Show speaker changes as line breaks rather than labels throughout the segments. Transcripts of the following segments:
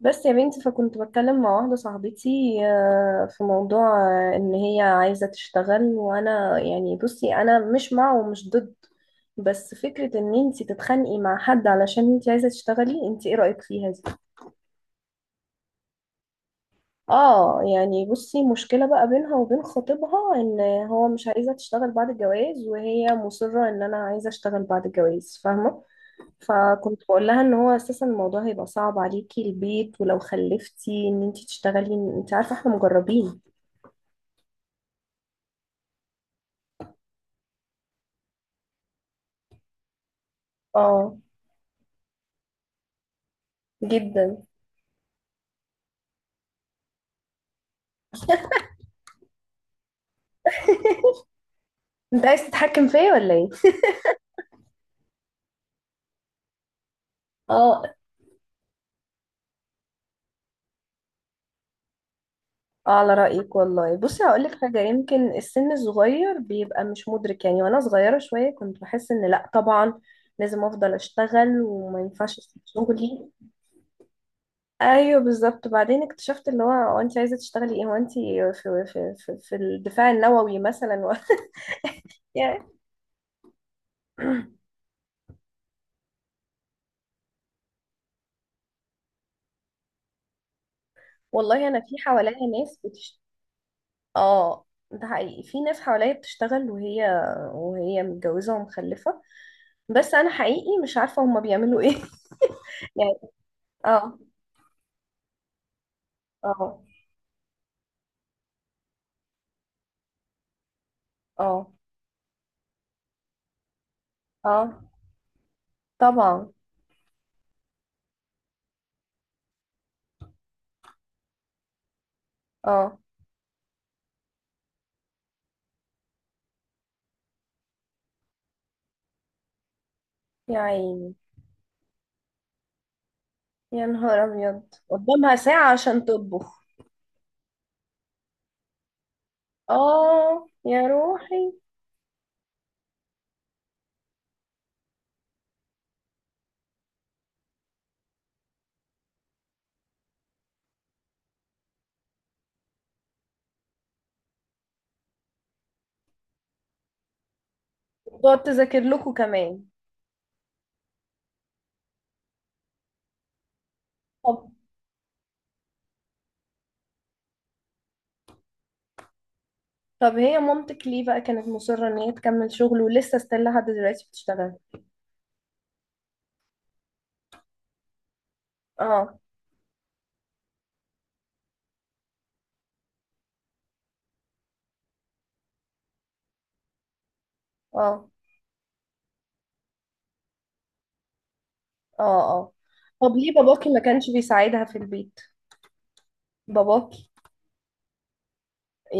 بس يا بنتي، فكنت بتكلم مع واحدة صاحبتي في موضوع، ان هي عايزة تشتغل. وانا يعني بصي، انا مش مع ومش ضد، بس فكرة ان انتي تتخانقي مع حد علشان انتي عايزة تشتغلي، انتي ايه رأيك فيها دي؟ اه، يعني بصي، مشكلة بقى بينها وبين خطيبها ان هو مش عايزة تشتغل بعد الجواز، وهي مصرة ان انا عايزة اشتغل بعد الجواز. فاهمة؟ فكنت بقول لها ان هو اساسا الموضوع هيبقى صعب عليكي، البيت، ولو خلفتي، ان انتي تشتغلي، انت عارفه احنا مجربين. اه، جدا. انت عايز تتحكم فيا ولا ايه؟ اه، اه، على رايك والله. بصي هقول لك حاجه، يمكن السن الصغير بيبقى مش مدرك يعني. وانا صغيره شويه كنت بحس ان، لا طبعا لازم افضل اشتغل وما ينفعش اسيب شغلي. ايوه بالظبط. بعدين اكتشفت اللي هو انت عايزه تشتغلي ايه؟ هو انت في في الدفاع النووي مثلا و... يعني، والله انا في حواليا ناس اه، ده حقيقي، في ناس حواليا بتشتغل وهي متجوزة ومخلفة. بس انا حقيقي مش عارفة هما بيعملوا ايه. يعني، اه، اه، اه، اه، طبعا. اه، يا عيني. يا نهار ابيض، قدامها ساعة عشان تطبخ. اه، يا روحي. تقعد تذاكر لكم كمان. طب، هي مامتك ليه بقى كانت مصرة ان هي تكمل شغل ولسه ستيل لحد دلوقتي بتشتغل؟ اه، اه، اه، اه. طب ليه باباكي ما كانش بيساعدها في البيت؟ باباكي،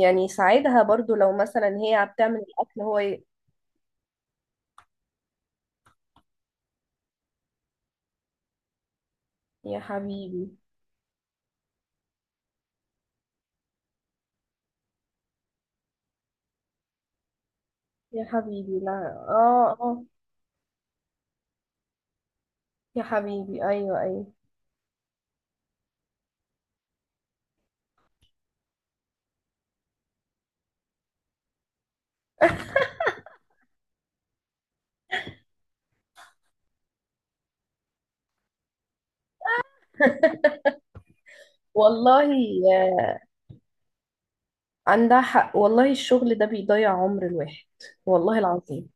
يعني يساعدها برضو، لو مثلا هي بتعمل الاكل هو يا حبيبي. يا حبيبي، لا. اه، اه، يا حبيبي، ايوه، ايوه. والله آه، عندها حق والله، الشغل ده بيضيع عمر الواحد. والله العظيم.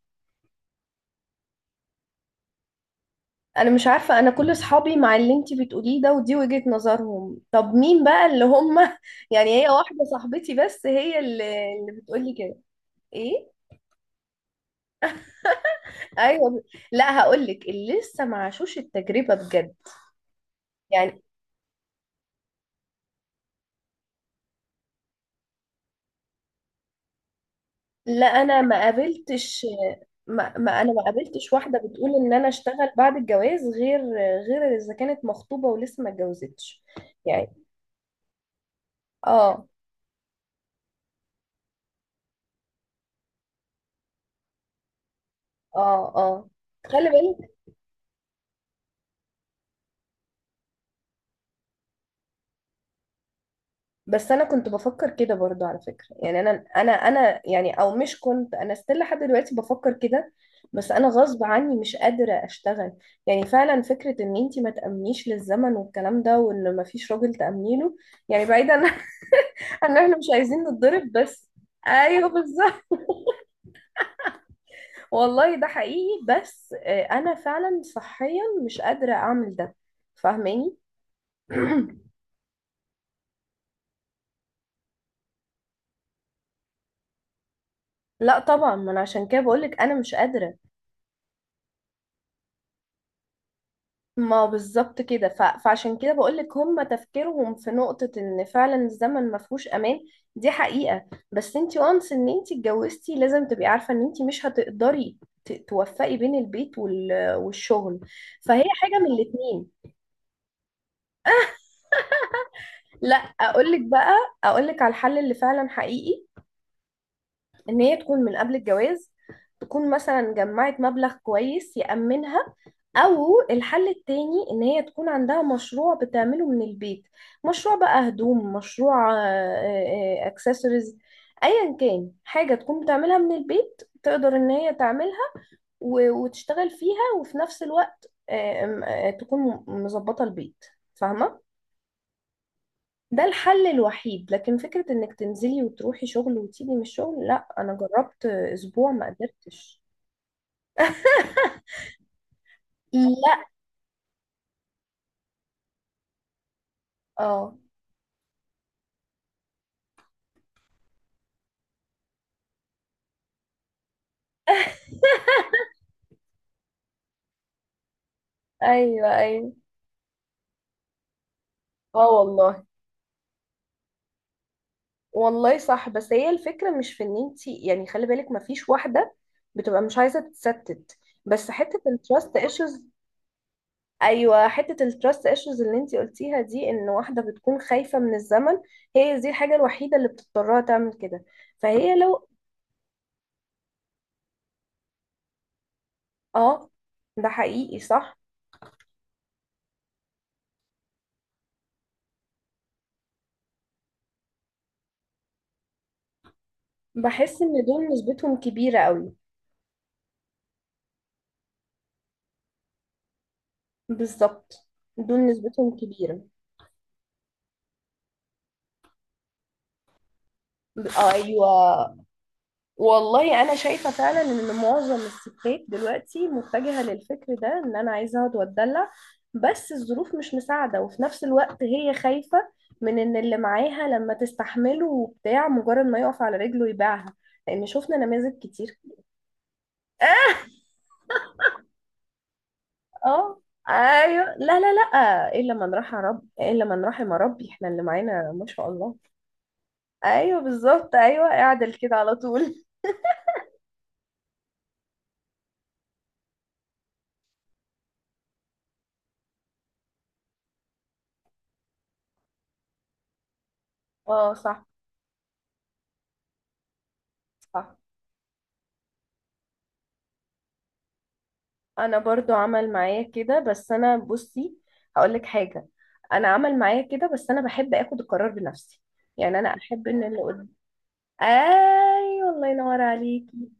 انا مش عارفه، انا كل اصحابي مع اللي انتي بتقوليه ده، ودي وجهة نظرهم. طب مين بقى اللي هم؟ يعني، هي واحده صاحبتي بس هي اللي بتقولي كده. ايه؟ ايوه. لا هقول لك، اللي لسه ما عاشوش التجربه بجد، يعني. لا، انا ما قابلتش. ما انا ما قابلتش واحده بتقول ان انا اشتغل بعد الجواز، غير، غير اذا كانت مخطوبه ولسه ما اتجوزتش. يعني، اه، اه، اه. خلي بالك. بس انا كنت بفكر كده برضو، على فكرة يعني، انا، انا يعني، او مش كنت انا، استيل لحد دلوقتي بفكر كده، بس انا غصب عني مش قادرة اشتغل. يعني فعلا فكرة ان انتي ما تأمنيش للزمن والكلام ده، وان ما فيش راجل تأمني له، يعني بعيدا عن ان احنا مش عايزين نتضرب بس. ايوه بالظبط. والله ده حقيقي. بس انا فعلا صحيا مش قادرة اعمل ده. فاهماني؟ لا طبعا، ما انا عشان كده بقولك انا مش قادرة. ما بالظبط كده، فعشان كده بقولك، هم تفكيرهم في نقطة ان فعلا الزمن ما فيهوش امان. دي حقيقة. بس انتي، وانس ان انتي اتجوزتي لازم تبقي عارفة ان انتي مش هتقدري توفقي بين البيت والشغل، فهي حاجة من الاتنين. لا اقولك بقى، اقولك على الحل اللي فعلا حقيقي، ان هي تكون من قبل الجواز تكون مثلا جمعت مبلغ كويس يأمنها، او الحل التاني ان هي تكون عندها مشروع بتعمله من البيت. مشروع بقى هدوم، مشروع اكسسوارز، ايا كان، حاجة تكون بتعملها من البيت تقدر ان هي تعملها وتشتغل فيها، وفي نفس الوقت آه، آم، آه، تكون مظبطة البيت. فاهمة؟ ده الحل الوحيد. لكن فكرة انك تنزلي وتروحي شغل وتيجي من الشغل، لا، انا جربت اسبوع ما قدرتش. لا، اه، ايوه، ايوه. اه والله. والله صح. بس هي الفكره مش في ان انت يعني، خلي بالك ما فيش واحده بتبقى مش عايزه تتستت، بس حته التراست ايشوز. ايوه، حته التراست ايشوز اللي انت قلتيها دي، ان واحده بتكون خايفه من الزمن، هي دي الحاجه الوحيده اللي بتضطرها تعمل كده. فهي لو، اه، ده حقيقي صح. بحس ان دول نسبتهم كبيرة قوي. بالظبط، دول نسبتهم كبيرة. ايوه. والله انا شايفة فعلا ان معظم الستات دلوقتي متجهة للفكر ده، ان انا عايزة اقعد واتدلع، بس الظروف مش مساعدة، وفي نفس الوقت هي خايفة من ان اللي معاها لما تستحمله وبتاع، مجرد ما يقف على رجله يبيعها، لان شفنا نماذج كتير. اه، آه! ايوه، لا، لا، لا، الا من رحم رب، الا من رحم ربي، احنا اللي معانا ما شاء الله. ايوه بالظبط، ايوه، اعدل كده على طول. اه، صح، صح. انا برضو عمل معايا كده، بس انا بصي هقولك حاجه، انا عمل معايا كده بس انا بحب اخد القرار بنفسي. يعني انا احب ان اللي قدام، ايوه. الله ينور عليكي.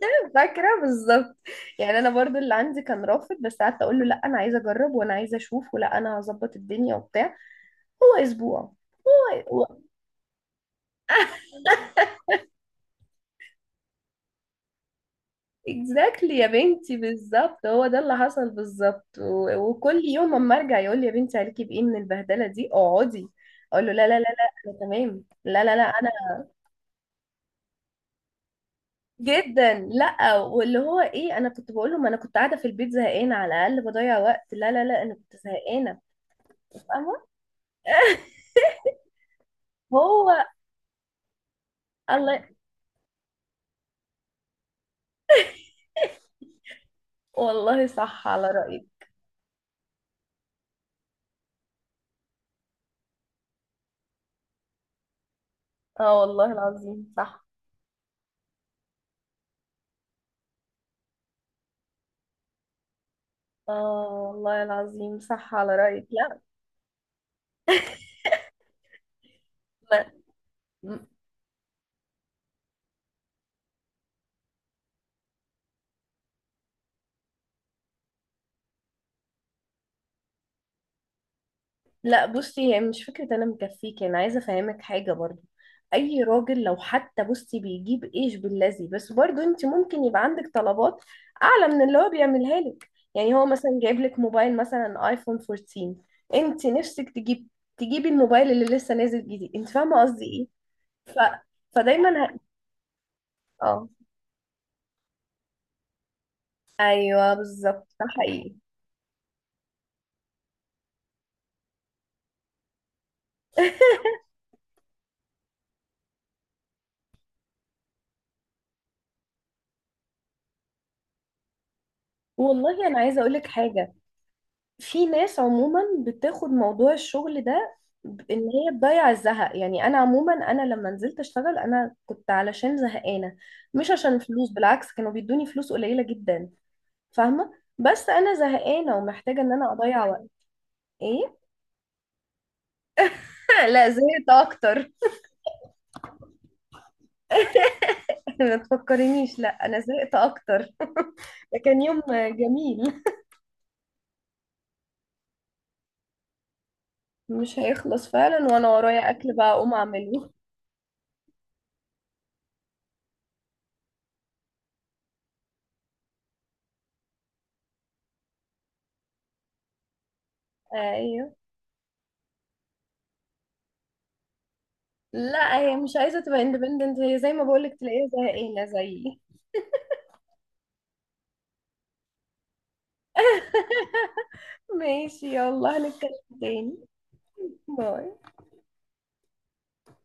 فاكره بالظبط. يعني انا برضو اللي عندي كان رافض، بس قعدت اقول له، لا انا عايزه اجرب، وانا عايزه اشوف، ولا انا هظبط الدنيا وبتاع. هو اسبوع. اكزاكتلي يا بنتي، بالظبط هو ده اللي حصل بالظبط. وكل يوم اما ارجع يقول لي، يا بنتي عليكي بايه من البهدله دي، اقعدي. اقول له، لا لا لا لا، انا تمام، لا لا لا، انا جدا، لا. واللي هو ايه، انا كنت بقول له، ما انا كنت قاعده في البيت زهقانه، على الاقل بضيع وقت. لا لا لا، انا كنت زهقانه. فاهمه. هو، الله. والله صح على رايك. اه، والله العظيم صح. اه، والله العظيم صح على رايك. لا، ما لا، بصي هي مش فكرة انا مكفيك، انا عايزة افهمك حاجة برضو، اي راجل لو حتى بصي بيجيب ايش باللذي، بس برضو انت ممكن يبقى عندك طلبات اعلى من اللي هو بيعملها لك. يعني هو مثلا جايب لك موبايل مثلا ايفون 14، انت نفسك تجيب، تجيبي الموبايل اللي لسه نازل جديد. انت فاهمة قصدي ايه؟ ف... فدايما ه... اه، ايوه بالظبط، ده حقيقي. والله انا عايزه اقول لك حاجه، في ناس عموما بتاخد موضوع الشغل ده ان هي تضيع الزهق. يعني انا عموما، انا لما نزلت اشتغل انا كنت علشان زهقانه، مش عشان فلوس، بالعكس كانوا بيدوني فلوس قليله جدا. فاهمه، بس انا زهقانه ومحتاجه ان انا اضيع وقت. ايه؟ لا، زهقت اكتر. ما تفكرنيش، لا انا زهقت اكتر. ده كان يوم جميل. مش هيخلص فعلا، وانا ورايا اكل بقى اقوم اعمله. ايوه. لا هي مش عايزه تبقى اندبندنت، هي زي ما بقولك تلاقيها زهقانه زيي. ماشي، يلا هنتكلم تاني. باي.